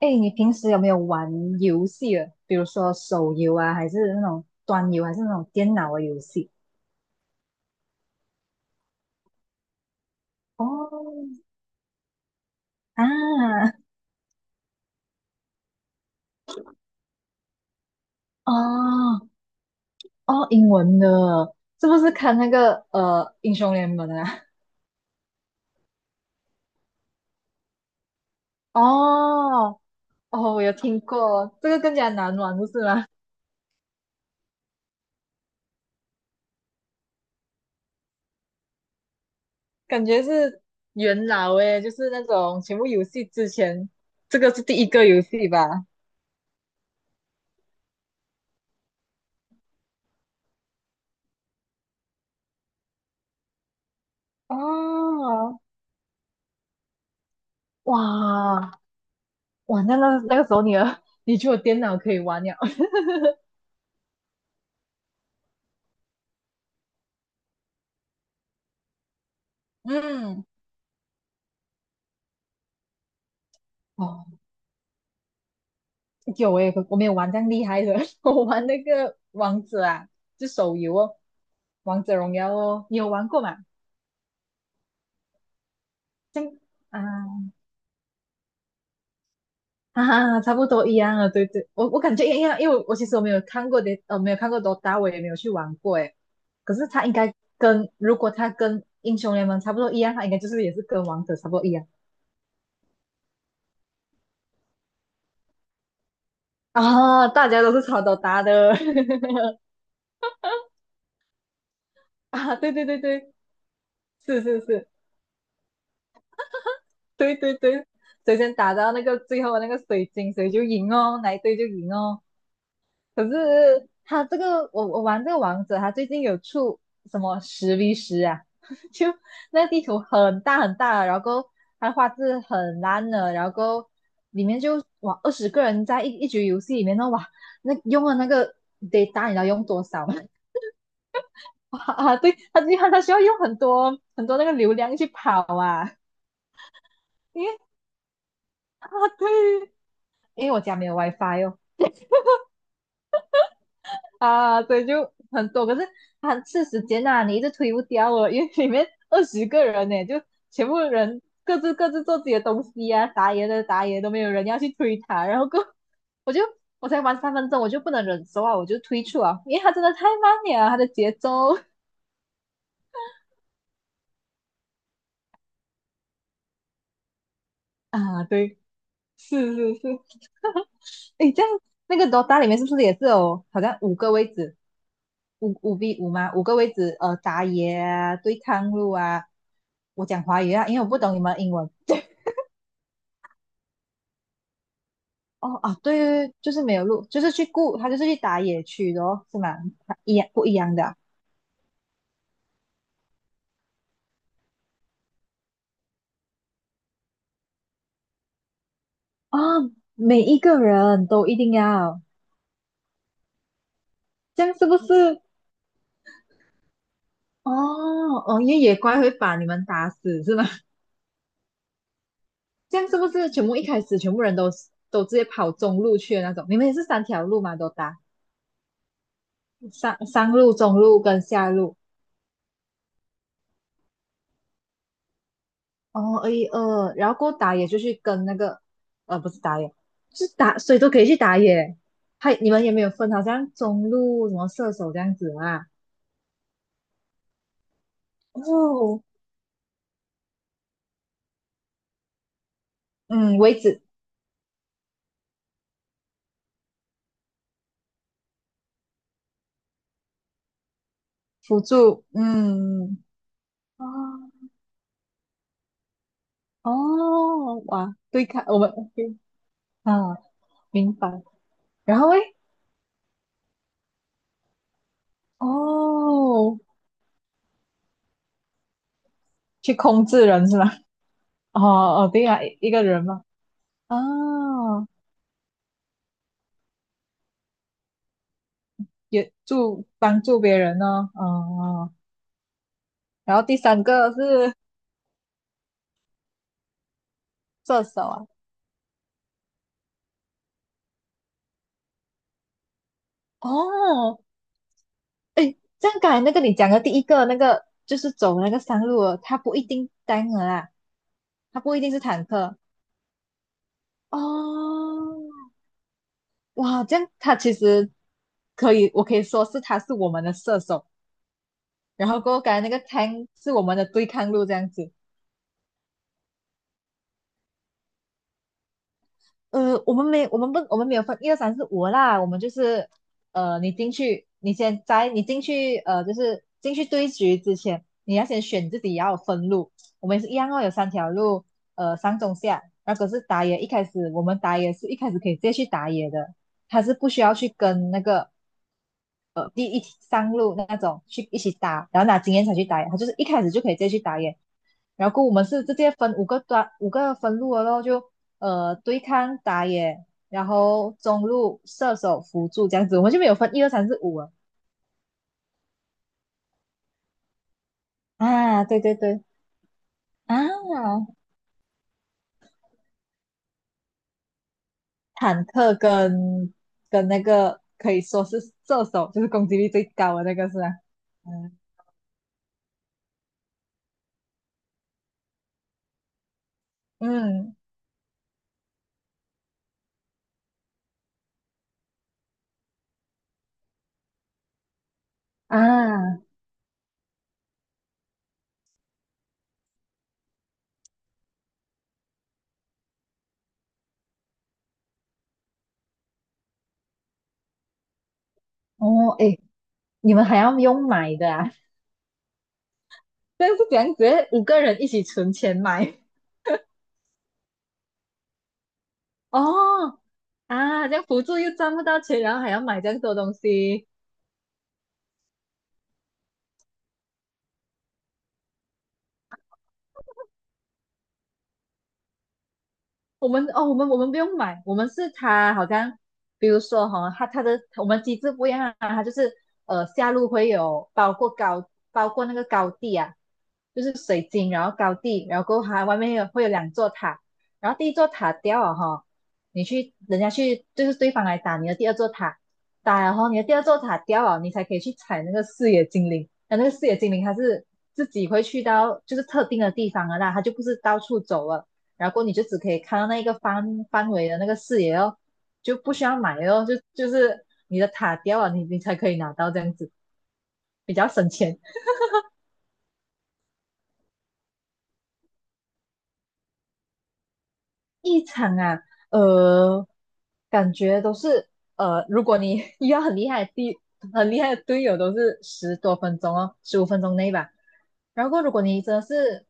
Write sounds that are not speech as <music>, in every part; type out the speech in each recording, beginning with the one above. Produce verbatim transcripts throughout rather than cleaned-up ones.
哎，你平时有没有玩游戏啊？比如说手游啊，还是那种端游，还是那种电脑的游戏？哦，啊，哦，哦，英文的，是不是看那个呃英雄联盟啊？<laughs> 哦，哦，我有听过，这个更加难玩，不是吗？<laughs> 感觉是元老诶，就是那种全部游戏之前，这个是第一个游戏吧？哦，哇，哇，那那那个时候你的，<laughs> 你就有电脑可以玩了。嗯，哦，有我也我没有玩这样厉害的，<laughs> 我玩那个王者啊，就手游哦，王者荣耀哦，你有玩过吗？啊啊，差不多一样啊，对对，我我感觉一样，因为我我其实我没有看过的，呃，没有看过 DOTA，我也没有去玩过诶，可是他应该跟如果他跟英雄联盟差不多一样，他应该就是也是跟王者差不多一样啊，大家都是炒 DOTA 的 <laughs> 啊，对对对对，是是是。对对对，谁先打到那个最后的那个水晶，谁就赢哦，哪一队就赢哦。可是他这个，我我玩这个王者，他最近有出什么十 v 十啊？<laughs> 就那个地图很大很大，然后它的画质很烂的，然后里面就哇二十个人在一一局游戏里面呢，哇，那用了那个 data 你知道用多少吗？<laughs> 哇啊，对，他就他需要用很多很多那个流量去跑啊，因为他对，因为我家没有 WiFi 哦。啊，对，就很多，可是它是时间呐、你一直推不掉哦，因为里面二十个人呢，就全部人各自各自做自己的东西啊，打野的打野都没有人要去推它，然后过我就我才玩三分钟，我就不能忍受啊，我就退出啊，因为他真的太慢了，他的节奏啊，对，是是是，诶，这样那个 DOTA 里面是不是也是有好像五个位置，五五 v 五吗？五个位置，呃，打野啊，对抗路啊，我讲华语啊，因为我不懂你们英文。哦啊，对对对，就是没有路，就是去顾，他就是去打野区的哦，是吗？他一样不一样的啊？哦每一个人都一定要，这样是不是？哦哦，因为野怪会把你们打死是吗？<laughs> 这样是不是全部一开始全部人都都直接跑中路去的那种？你们也是三条路嘛，都打上上路、中路跟下路哦，二一二，然后过后打野就去跟那个，呃，不是打野，是打，谁都可以去打野。还你们也没有分，好像中路什么射手这样子啊？哦，嗯，位置辅助，嗯，哦，哦，哇，对抗我们啊，明白。然后诶，哦，去控制人是吗？哦哦，对啊，一一个人嘛。哦，也助帮助别人呢、哦。哦，然后第三个是射手啊，哦，哎，这样刚才那个你讲的第一个那个就是走那个山路了，它不一定单了啦，它不一定是坦克哦，哇，这样它其实可以，我可以说是它是我们的射手，然后过后刚才那个 tank 是我们的对抗路这样子。呃，我们没，我们不，我们没有分一二三四五啦，我们就是，呃，你进去，你先在你进去，呃，就是进去对局之前，你要先选自己要分路。我们也是一样哦，有三条路，呃，上中下。那可是打野一开始，我们打野是一开始可以直接去打野的，他是不需要去跟那个呃第一上路那种去一起打，然后拿经验才去打野，他就是一开始就可以直接去打野。然后我们是直接分五个端五个分路了咯，就呃对抗打野，然后中路射手辅助这样子，我们就没有分一二三四五啊。啊，对对对啊，坦克跟跟那个可以说是射手，就是攻击力最高的那个是吧？嗯嗯啊哦诶，你们还要用买的啊？这样是怎样？直接五个人一起存钱买哦啊，这样辅助又赚不到钱，然后还要买这样多东西我们哦，我们我们不用买，我们是他好像，比如说哈、他他的我们机制不一样啊，它就是呃下路会有包括高包括那个高地啊，就是水晶，然后高地，然后过后它外面有会有两座塔，然后第一座塔掉了哈、你去人家去就是对方来打你的第二座塔，打然后你的第二座塔掉了，你才可以去踩那个视野精灵，那那个视野精灵它是自己会去到就是特定的地方了啦，它就不是到处走了。然后你就只可以看到那一个范范围的那个视野哦，就不需要买哦，就就是你的塔掉了，你你才可以拿到这样子，比较省钱。一场啊，呃，感觉都是呃，如果你 <laughs> 遇到很厉害的队，很厉害的队友，都是十多分钟哦，十五分钟内吧。然后如果你真的是，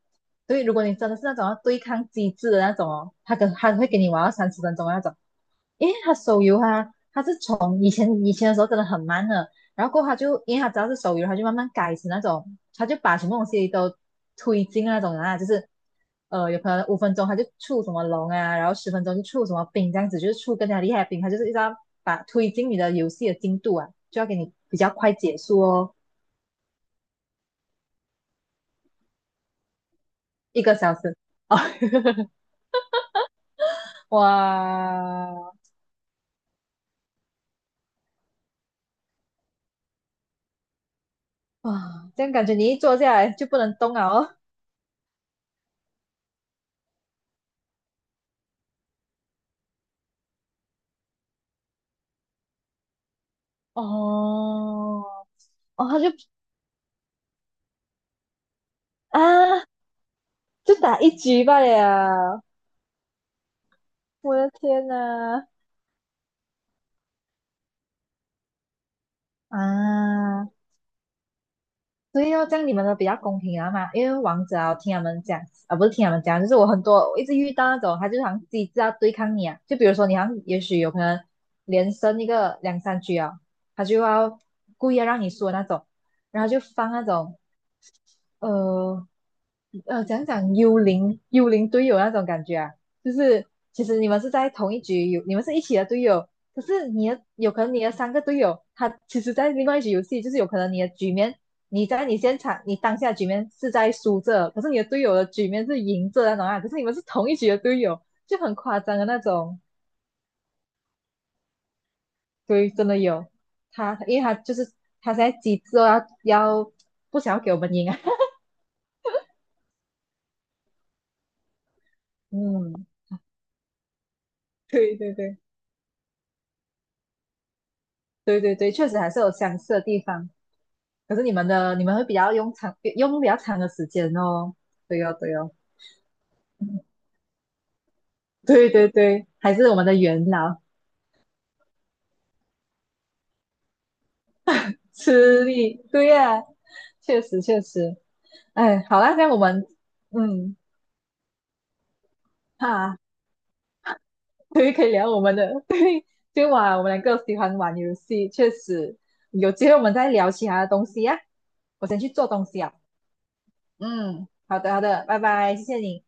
对，如果你真的是那种要对抗机制的那种哦，他跟他会给你玩到三十分钟的那种。因为他手游啊，他是从以前以前的时候真的很慢的，然后过后他就因为他只要是手游，他就慢慢改成那种，他就把什么东西都推进那种啊，就是呃，有可能五分钟他就出什么龙啊，然后十分钟就出什么兵这样子，就是出更加厉害的兵，他就是一直要把推进你的游戏的进度啊，就要给你比较快结束哦，一个小时哦，<laughs> 哇啊，这样感觉你一坐下来就不能动了哦，哦哦，他就啊就打一局罢了，我的天哪！啊，对哦，这样你们的比较公平啊嘛，因为王者啊，我听他们讲啊，不是听他们讲，就是我很多我一直遇到那种，他就好像机制要对抗你啊，就比如说你好像也许有可能连胜一个两三局啊，他就要故意要让你输的那种，然后就放那种呃呃，讲讲幽灵幽灵队友那种感觉啊，就是其实你们是在同一局，有你们是一起的队友，可是你的有可能你的三个队友，他其实在另外一局游戏，就是有可能你的局面，你在你现场你当下局面是在输着，可是你的队友的局面是赢着那种啊，可是你们是同一局的队友，就很夸张的那种，对，真的有他，因为他就是他现在机制哦，要要不想要给我们赢啊，<laughs> 嗯，对对对对对对，确实还是有相似的地方。可是你们的你们会比较用长用比较长的时间哦。对哦，对哦，对对对，还是我们的元老吃力。对呀、确实确实。哎，好啦，这样我们嗯哈，对，可以聊我们的 <laughs> 对，就玩我们两个喜欢玩游戏，确实有机会我们再聊其他的东西呀、我先去做东西啊。嗯，好的好的，拜拜，谢谢你。